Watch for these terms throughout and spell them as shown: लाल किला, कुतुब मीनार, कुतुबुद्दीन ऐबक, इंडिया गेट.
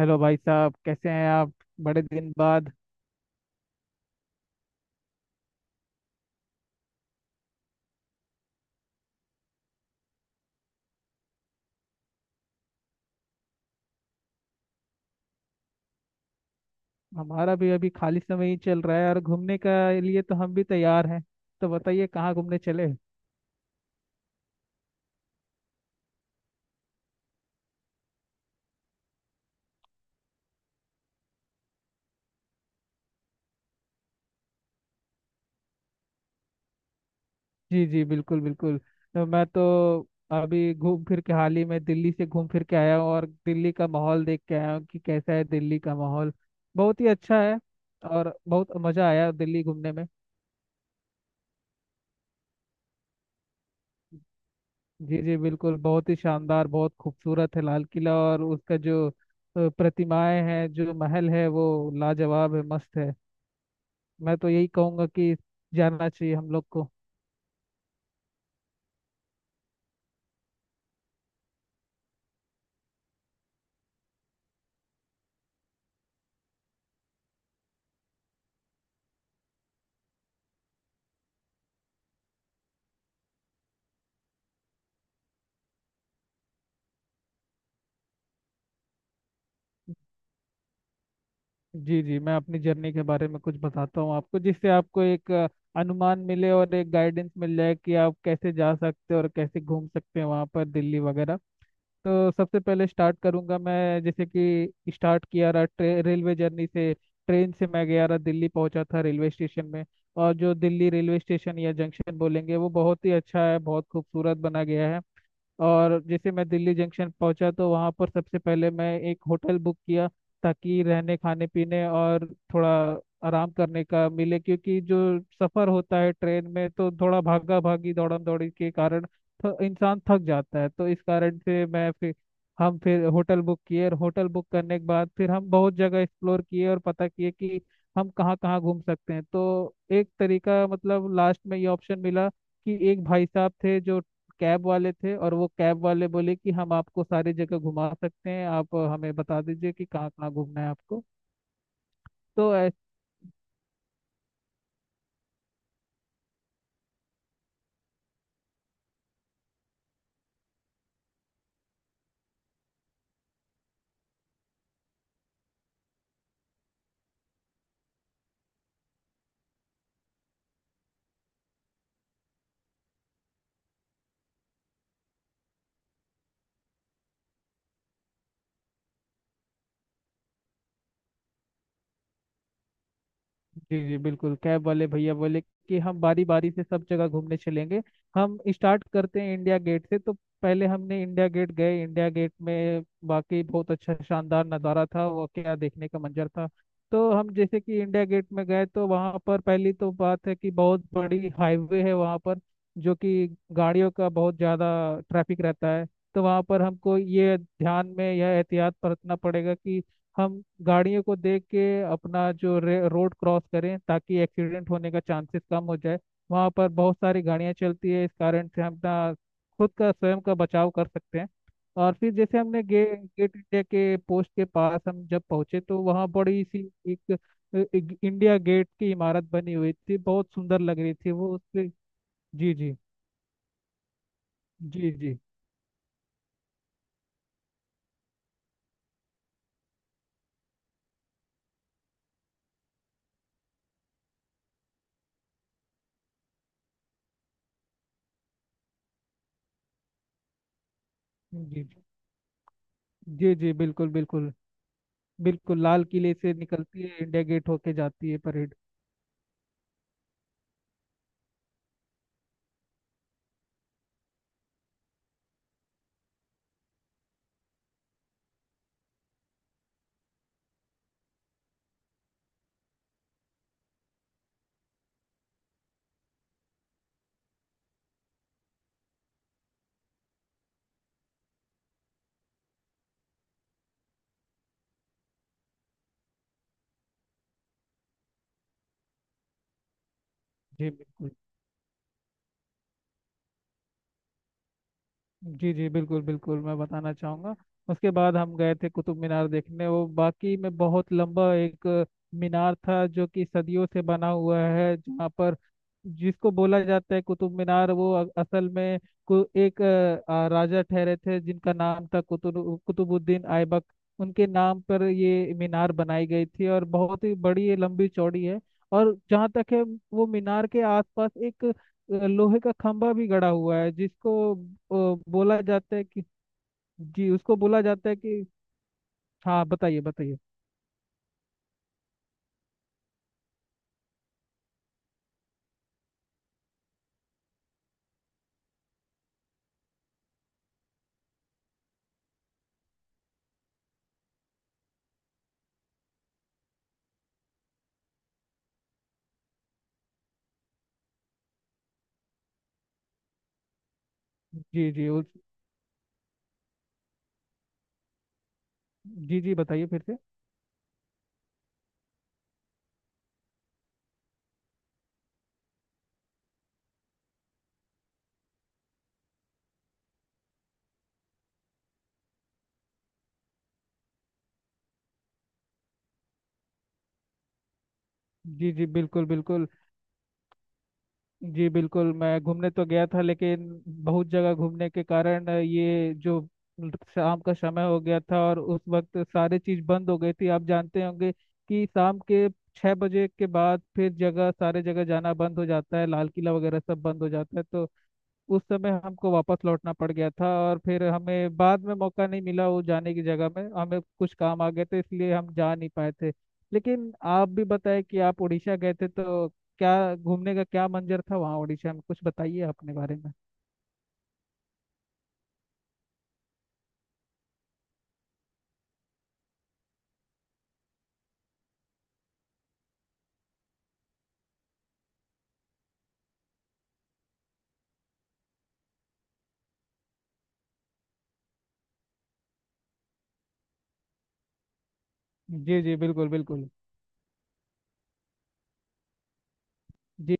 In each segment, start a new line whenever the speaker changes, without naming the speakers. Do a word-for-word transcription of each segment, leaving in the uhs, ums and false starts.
Hello भाई साहब, कैसे हैं आप। बड़े दिन बाद। हमारा भी अभी खाली समय ही चल रहा है और घूमने का लिए तो हम भी तैयार हैं। तो बताइए कहाँ घूमने चले। जी जी, बिल्कुल बिल्कुल। तो मैं तो अभी घूम फिर के हाल ही में दिल्ली से घूम फिर के आया हूँ और दिल्ली का माहौल देख के आया हूँ कि कैसा है दिल्ली का माहौल। बहुत ही अच्छा है और बहुत मज़ा आया दिल्ली घूमने में। जी जी बिल्कुल, बहुत ही शानदार, बहुत खूबसूरत है लाल किला, और उसका जो अ, प्रतिमाएं हैं, जो महल है, वो लाजवाब है, मस्त है। मैं तो यही कहूंगा कि जानना चाहिए हम लोग को। जी जी, मैं अपनी जर्नी के बारे में कुछ बताता हूँ आपको, जिससे आपको एक अ, अनुमान मिले और एक गाइडेंस मिल जाए कि आप कैसे जा सकते हो और कैसे घूम सकते हैं वहाँ पर, दिल्ली वगैरह। तो सबसे पहले स्टार्ट करूँगा मैं। जैसे कि स्टार्ट किया रहा ट्रे, रेलवे जर्नी से। ट्रेन से मैं गया रहा, दिल्ली पहुंचा था रेलवे स्टेशन में। और जो दिल्ली रेलवे स्टेशन या जंक्शन बोलेंगे, वो बहुत ही अच्छा है, बहुत खूबसूरत बना गया है। और जैसे मैं दिल्ली जंक्शन पहुंचा तो वहां पर सबसे पहले मैं एक होटल बुक किया, ताकि रहने खाने पीने और थोड़ा आराम करने का मिले, क्योंकि जो सफर होता है ट्रेन में तो थोड़ा भागा भागी दौड़म दौड़ी के कारण थ- इंसान थक जाता है। तो इस कारण से मैं फिर हम फिर होटल बुक किए, और होटल बुक करने के बाद फिर हम बहुत जगह एक्सप्लोर किए और पता किए कि हम कहाँ कहाँ घूम सकते हैं। तो एक तरीका, मतलब लास्ट में ये ऑप्शन मिला कि एक भाई साहब थे जो कैब वाले थे, और वो कैब वाले बोले कि हम आपको सारी जगह घुमा सकते हैं, आप हमें बता दीजिए कि कहाँ कहाँ घूमना है आपको। तो जी जी बिल्कुल, कैब वाले भैया बोले कि हम बारी बारी से सब जगह घूमने चलेंगे, हम स्टार्ट करते हैं इंडिया गेट से। तो पहले हमने इंडिया गेट गए। इंडिया गेट में बाकी बहुत अच्छा शानदार नज़ारा था, वो क्या देखने का मंजर था। तो हम जैसे कि इंडिया गेट में गए तो वहाँ पर पहली तो बात है कि बहुत बड़ी हाईवे है वहाँ पर, जो कि गाड़ियों का बहुत ज़्यादा ट्रैफिक रहता है। तो वहाँ पर हमको ये ध्यान में, यह एहतियात बरतना पड़ेगा कि हम गाड़ियों को देख के अपना जो रे- रोड क्रॉस करें, ताकि एक्सीडेंट होने का चांसेस कम हो जाए। वहाँ पर बहुत सारी गाड़ियाँ चलती है, इस कारण से हम अपना खुद का, स्वयं का बचाव कर सकते हैं। और फिर जैसे हमने गे, गेट इंडिया के पोस्ट के पास हम जब पहुंचे, तो वहाँ बड़ी सी एक, एक इंडिया गेट की इमारत बनी हुई थी, बहुत सुंदर लग रही थी वो। उससे जी जी। जी जी। जी जी जी बिल्कुल बिल्कुल। बिल्कुल लाल किले से निकलती है इंडिया गेट होके जाती है परेड। जी बिल्कुल। जी जी बिल्कुल बिल्कुल, मैं बताना चाहूँगा। उसके बाद हम गए थे कुतुब मीनार देखने। वो बाकी में बहुत लंबा एक मीनार था, जो कि सदियों से बना हुआ है। जहाँ पर, जिसको बोला जाता है कुतुब मीनार, वो अ- असल में को एक अ, आ, राजा ठहरे थे, जिनका नाम था कुतुब कुतुबुद्दीन ऐबक। उनके नाम पर ये मीनार बनाई गई थी, और बहुत ही बड़ी ये लंबी चौड़ी है। और जहाँ तक है, वो मीनार के आसपास एक लोहे का खंभा भी गड़ा हुआ है, जिसको अ, बोला जाता है कि, जी उसको बोला जाता है कि, हाँ बताइए बताइए। जी जी, उस, जी जी बताइए फिर से। जी जी बिल्कुल बिल्कुल। जी बिल्कुल, मैं घूमने तो गया था, लेकिन बहुत जगह घूमने के कारण ये जो शाम का समय हो गया था, और उस वक्त सारे चीज बंद हो गई थी। आप जानते होंगे कि शाम के छह बजे के बाद फिर जगह, सारे जगह जाना बंद हो जाता है। लाल किला वगैरह सब बंद हो जाता है। तो उस समय हमको वापस लौटना पड़ गया था, और फिर हमें बाद में मौका नहीं मिला वो जाने की। जगह में हमें कुछ काम आ गए थे, इसलिए हम जा नहीं पाए थे। लेकिन आप भी बताएं कि आप उड़ीसा गए थे, तो क्या घूमने का, क्या मंजर था वहाँ उड़ीसा में, कुछ बताइए अपने बारे में। जी जी बिल्कुल बिल्कुल। जी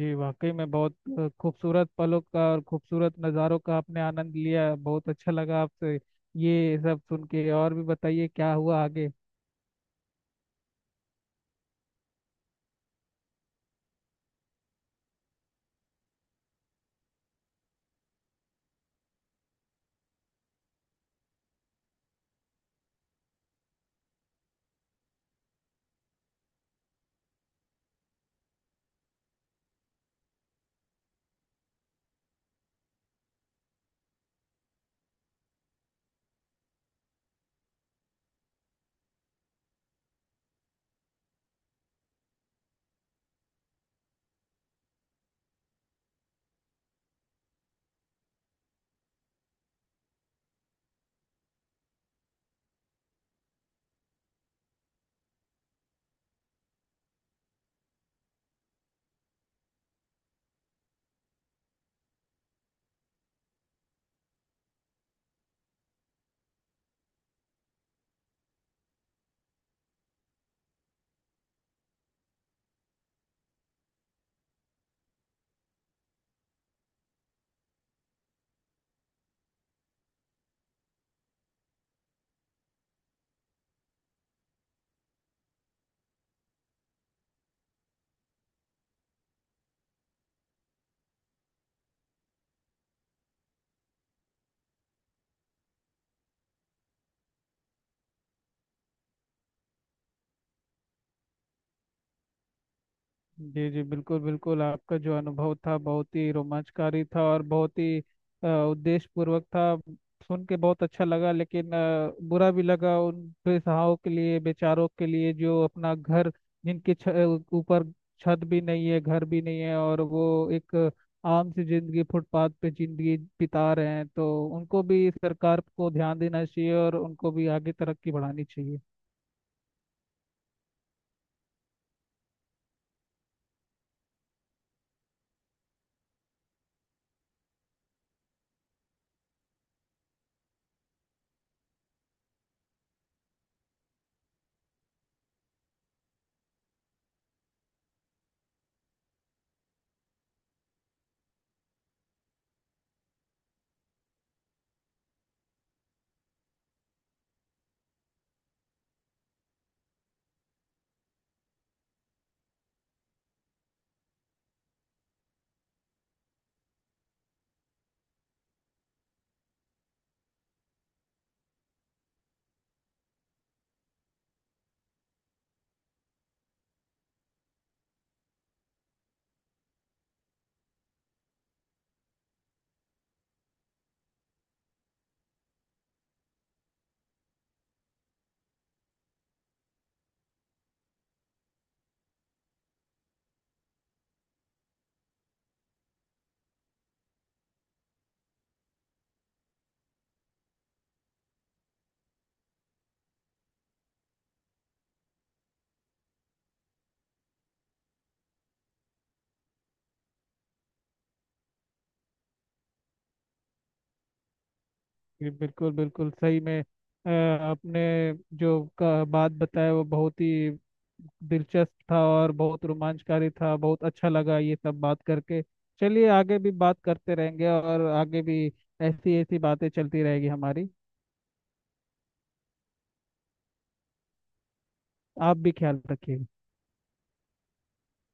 जी, वाकई में बहुत अ, खूबसूरत पलों का और खूबसूरत नज़ारों का आपने आनंद लिया। बहुत अच्छा लगा आपसे ये सब सुन के। और भी बताइए क्या हुआ आगे। जी जी बिल्कुल बिल्कुल, आपका जो अनुभव था बहुत ही रोमांचकारी था, और बहुत ही अ, उद्देश्यपूर्वक था। सुन के बहुत अच्छा लगा, लेकिन अ, बुरा भी लगा उन बेसहाराओं के लिए, बेचारों के लिए, जो अपना घर, जिनके छ- ऊपर छत भी नहीं है, घर भी नहीं है, और वो एक आम सी जिंदगी फुटपाथ पे जिंदगी बिता रहे हैं। तो उनको भी सरकार को ध्यान देना चाहिए, और उनको भी आगे तरक्की बढ़ानी चाहिए। जी बिल्कुल बिल्कुल, सही में। अ, आपने जो का बात बताया वो बहुत ही दिलचस्प था, और बहुत रोमांचकारी था। बहुत अच्छा लगा ये सब बात करके। चलिए आगे भी बात करते रहेंगे, और आगे भी ऐसी ऐसी बातें चलती रहेगी हमारी। आप भी ख्याल रखिएगा।